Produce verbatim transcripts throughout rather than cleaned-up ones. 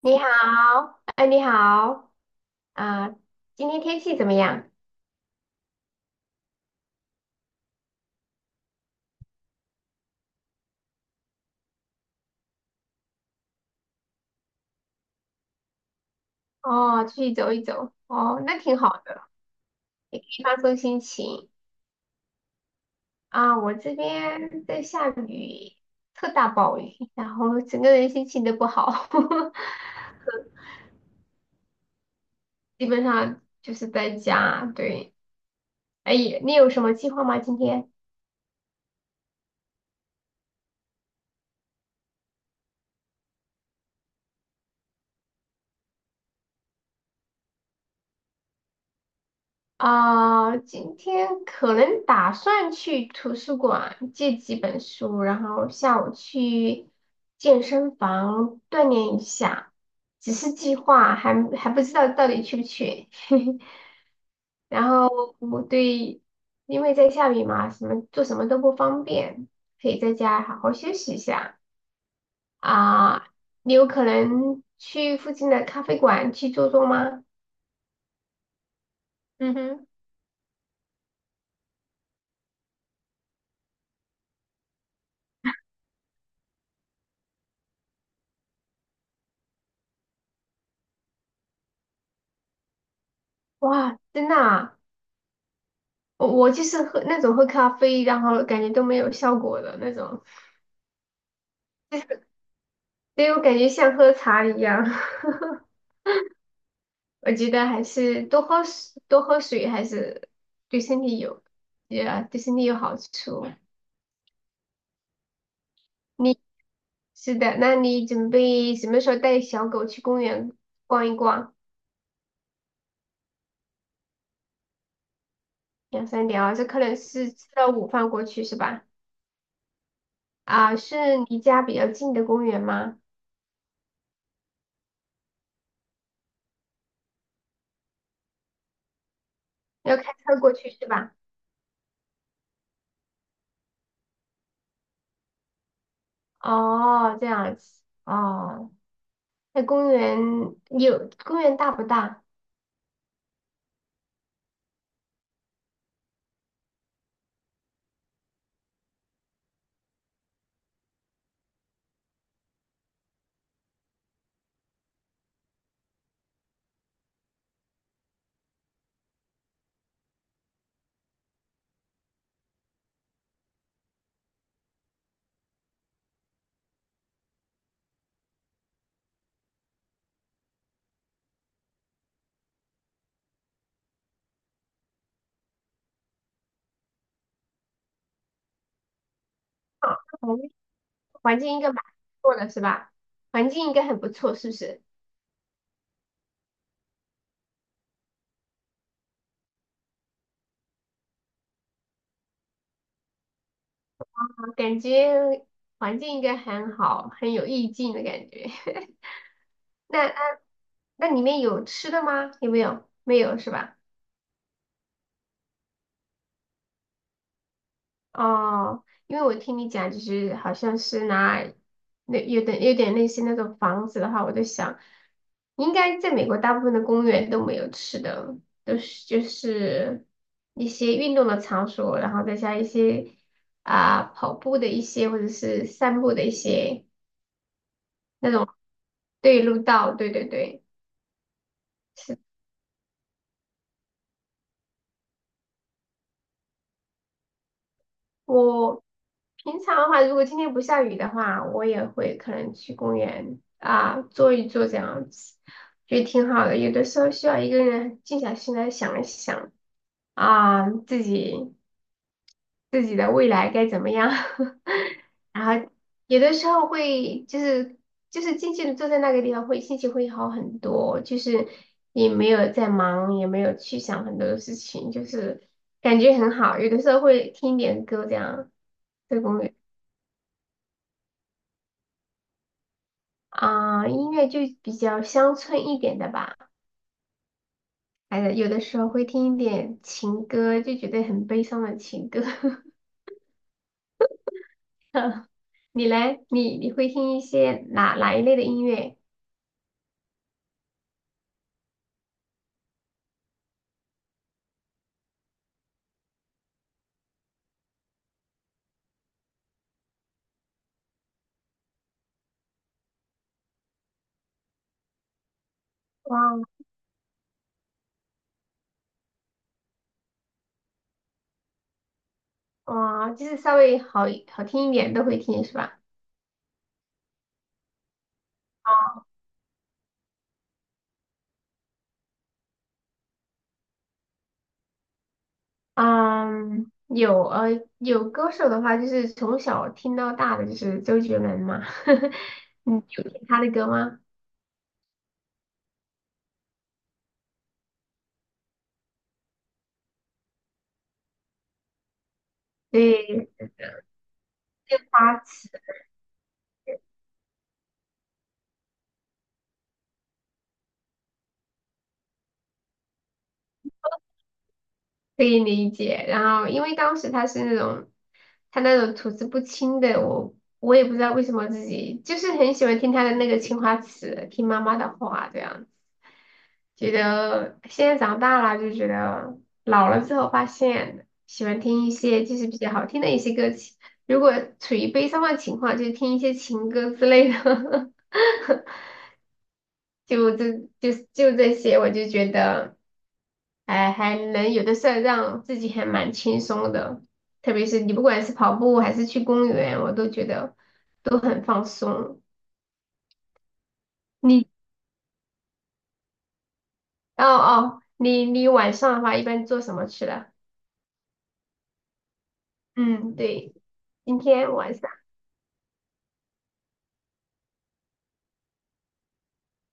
你好，哎，你好，啊、今天天气怎么样？哦，出去走一走，哦，那挺好的，也可以放松心情啊。我这边在下雨，特大暴雨，然后整个人心情都不好，基本上就是在家。对，哎，你有什么计划吗？今天？啊，今天可能打算去图书馆借几本书，然后下午去健身房锻炼一下，只是计划还还不知道到底去不去。然后我对，因为在下雨嘛，什么做什么都不方便，可以在家好好休息一下啊。你有可能去附近的咖啡馆去坐坐吗？嗯哼，哇，真的啊我我就是喝那种喝咖啡，然后感觉都没有效果的那种，所以我感觉像喝茶一样。我觉得还是多喝水，多喝水还是对身体有，也对身体有好处。你是的，那你准备什么时候带小狗去公园逛一逛，两三点啊？这可能是吃了午饭过去是吧？啊，是离家比较近的公园吗？要开车过去是吧？哦，这样子，哦。那公园有公园大不大？啊，环环境应该蛮不错的是吧？环境应该很不错，是不是？我感觉环境应该很好，很有意境的感觉。那那那里面有吃的吗？有没有？没有是吧？哦，因为我听你讲，就是好像是拿那有点有点类似那种房子的话，我在想，应该在美国大部分的公园都没有吃的，都是就是一些运动的场所，然后再加一些啊、跑步的一些或者是散步的一些那种对路道，对对对，是。我平常的话，如果今天不下雨的话，我也会可能去公园啊坐一坐这样子，觉得挺好的。有的时候需要一个人静下心来想一想啊，自己自己的未来该怎么样。然后有的时候会就是就是静静的坐在那个地方会，心情会好很多，就是也没有在忙，也没有去想很多的事情，就是感觉很好。有的时候会听一点歌这样。在公园。啊、音乐就比较乡村一点的吧，还有有的时候会听一点情歌，就觉得很悲伤的情歌。你嘞，你你会听一些哪哪一类的音乐？哇哇，就是稍微好好听一点都会听是吧？嗯，有呃有歌手的话，就是从小听到大的就是周杰伦嘛，你有听他的歌吗？对，他。可以理解。然后因为当时他是那种他那种吐字不清的，我我也不知道为什么自己就是很喜欢听他的那个青花瓷，听妈妈的话这样子。觉得现在长大了就觉得老了之后发现喜欢听一些就是比较好听的一些歌曲，如果处于悲伤的情况，就听一些情歌之类的。就这就就这些，我就觉得，哎，还能有的事儿让自己还蛮轻松的，特别是你不管是跑步还是去公园，我都觉得都很放松。你哦哦，你你晚上的话一般做什么去了？嗯，对，今天晚上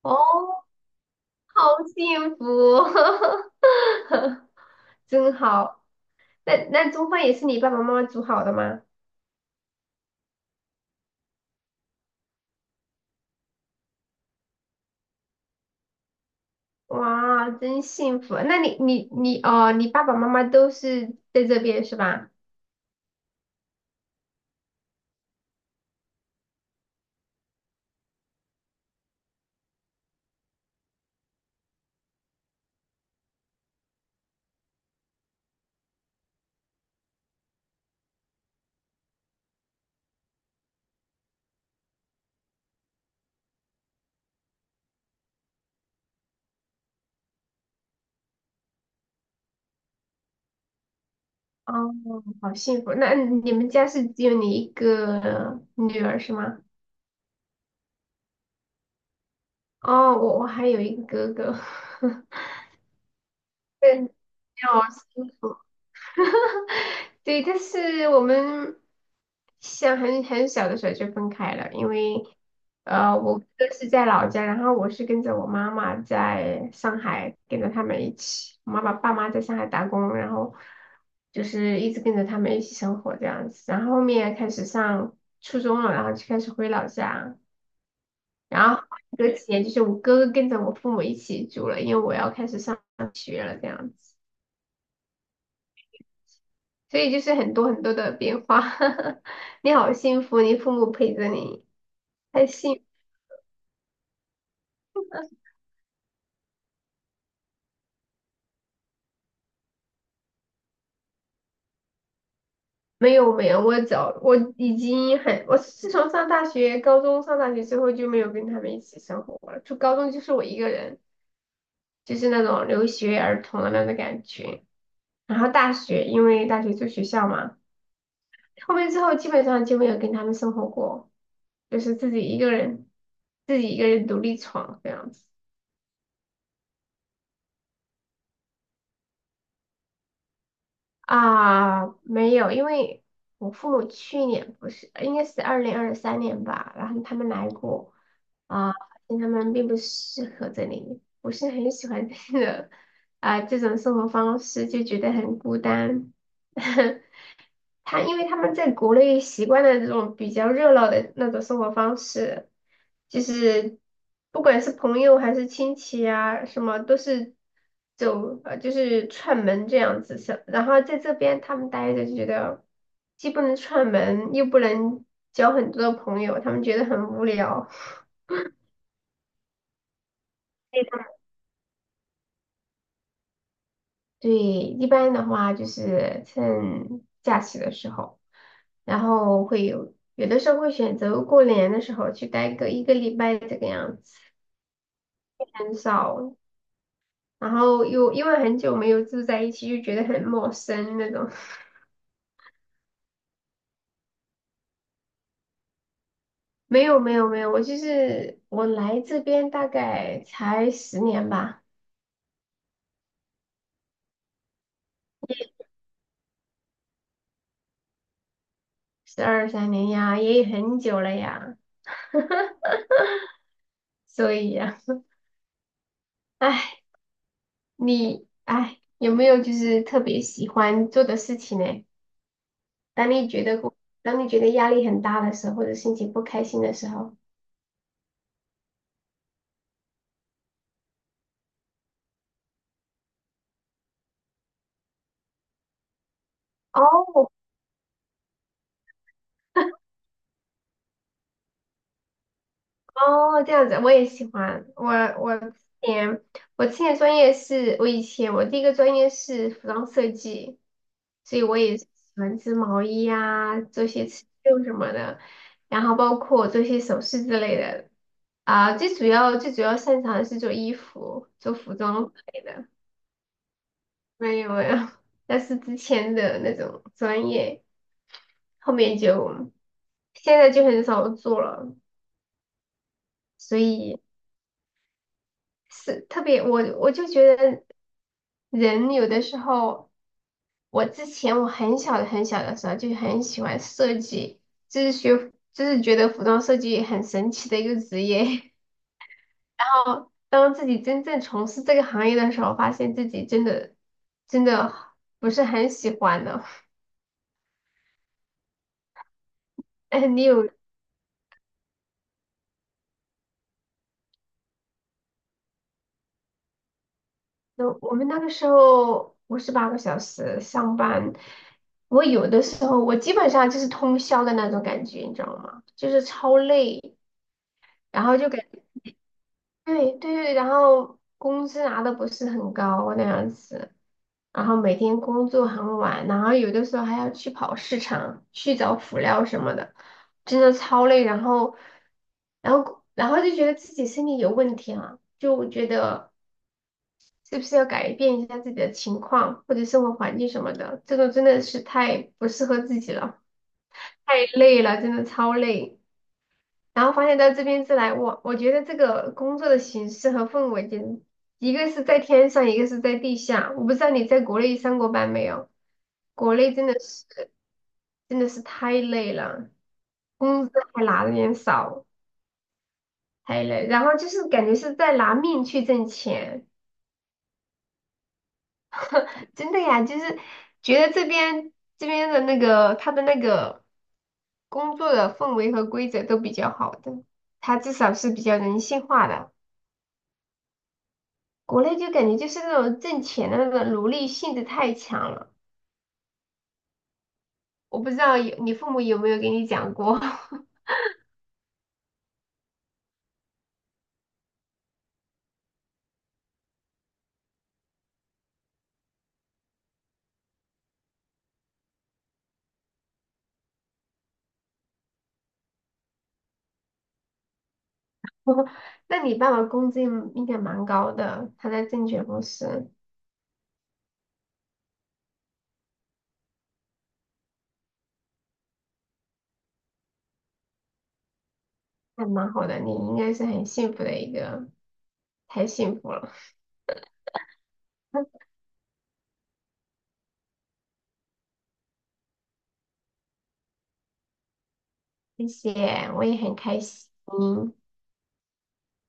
哦，好幸福，真好。那那中饭也是你爸爸妈妈煮好的吗？哇，真幸福！那你你你哦，你爸爸妈妈都是在这边是吧？哦，好幸福！那你们家是只有你一个女儿是吗？哦，我我还有一个哥哥，对，你好幸福 对，但是我们像很很小的时候就分开了，因为呃，我哥是在老家，然后我是跟着我妈妈在上海，跟着他们一起，我妈妈爸妈在上海打工，然后就是一直跟着他们一起生活这样子，然后后面开始上初中了，然后就开始回老家，然后隔几年就是我哥哥跟着我父母一起住了，因为我要开始上学了这样子。所以就是很多很多的变化。你好幸福，你父母陪着你，还幸没有没有，我早我已经很，我自从上大学、高中上大学之后就没有跟他们一起生活了。就高中就是我一个人，就是那种留学儿童的那种感觉。然后大学，因为大学住学校嘛，后面之后基本上就没有跟他们生活过，就是自己一个人，自己一个人独立闯这样子。啊，没有，因为我父母去年不是，应该是二零二三年吧，然后他们来过啊，发现他们并不适合这里，不是很喜欢这个啊这种生活方式，就觉得很孤单。他因为他们在国内习惯了这种比较热闹的那种生活方式，就是不管是朋友还是亲戚啊，什么都是走呃就是串门这样子是。然后在这边他们待着就觉得既不能串门，又不能交很多的朋友，他们觉得很无聊。对，一般的话就是趁假期的时候，然后会有有的时候会选择过年的时候去待个一个礼拜这个样子，很少，然后又因为很久没有住在一起，就觉得很陌生那种。没有没有没有，我就是我来这边大概才十年吧，十二三年呀，也很久了呀，所以呀，唉，你唉有没有就是特别喜欢做的事情呢？当你觉得当你觉得压力很大的时候，或者心情不开心的时候，哦哦，这样子我也喜欢。我我之前我之前专业是，我以前我第一个专业是服装设计，所以我也是喜欢织毛衣啊，做些刺绣什么的，然后包括做些首饰之类的。啊，最主要最主要擅长的是做衣服、做服装之类的。没有没有，但是之前的那种专业，后面就。现在就很少做了，所以是特别我我就觉得人有的时候，我之前我很小的很小的时候就很喜欢设计，就是学就是觉得服装设计很神奇的一个职业。然后当自己真正从事这个行业的时候，发现自己真的真的不是很喜欢了。哎，你有那我们那个时候五十八个小时上班，我有的时候我基本上就是通宵的那种感觉，你知道吗？就是超累，然后就感对对对，然后工资拿的不是很高那样子，然后每天工作很晚，然后有的时候还要去跑市场去找辅料什么的，真的超累，然后然后然后就觉得自己身体有问题啊，就觉得。是不是要改变一下自己的情况或者生活环境什么的？这个真的是太不适合自己了，太累了，真的超累。然后发现到这边之来，我我觉得这个工作的形式和氛围，简直一个是在天上，一个是在地下。我不知道你在国内上过班没有？国内真的是真的是太累了，工资还拿的有点少，太累。然后就是感觉是在拿命去挣钱。真的呀，就是觉得这边这边的那个他的那个工作的氛围和规则都比较好的，他至少是比较人性化的。国内就感觉就是那种挣钱的那种奴隶性质太强了。我不知道有你父母有没有给你讲过，那你爸爸工资应应该蛮高的，他在证券公司还蛮好的，你应该是很幸福的一个，太幸福了。谢谢，我也很开心。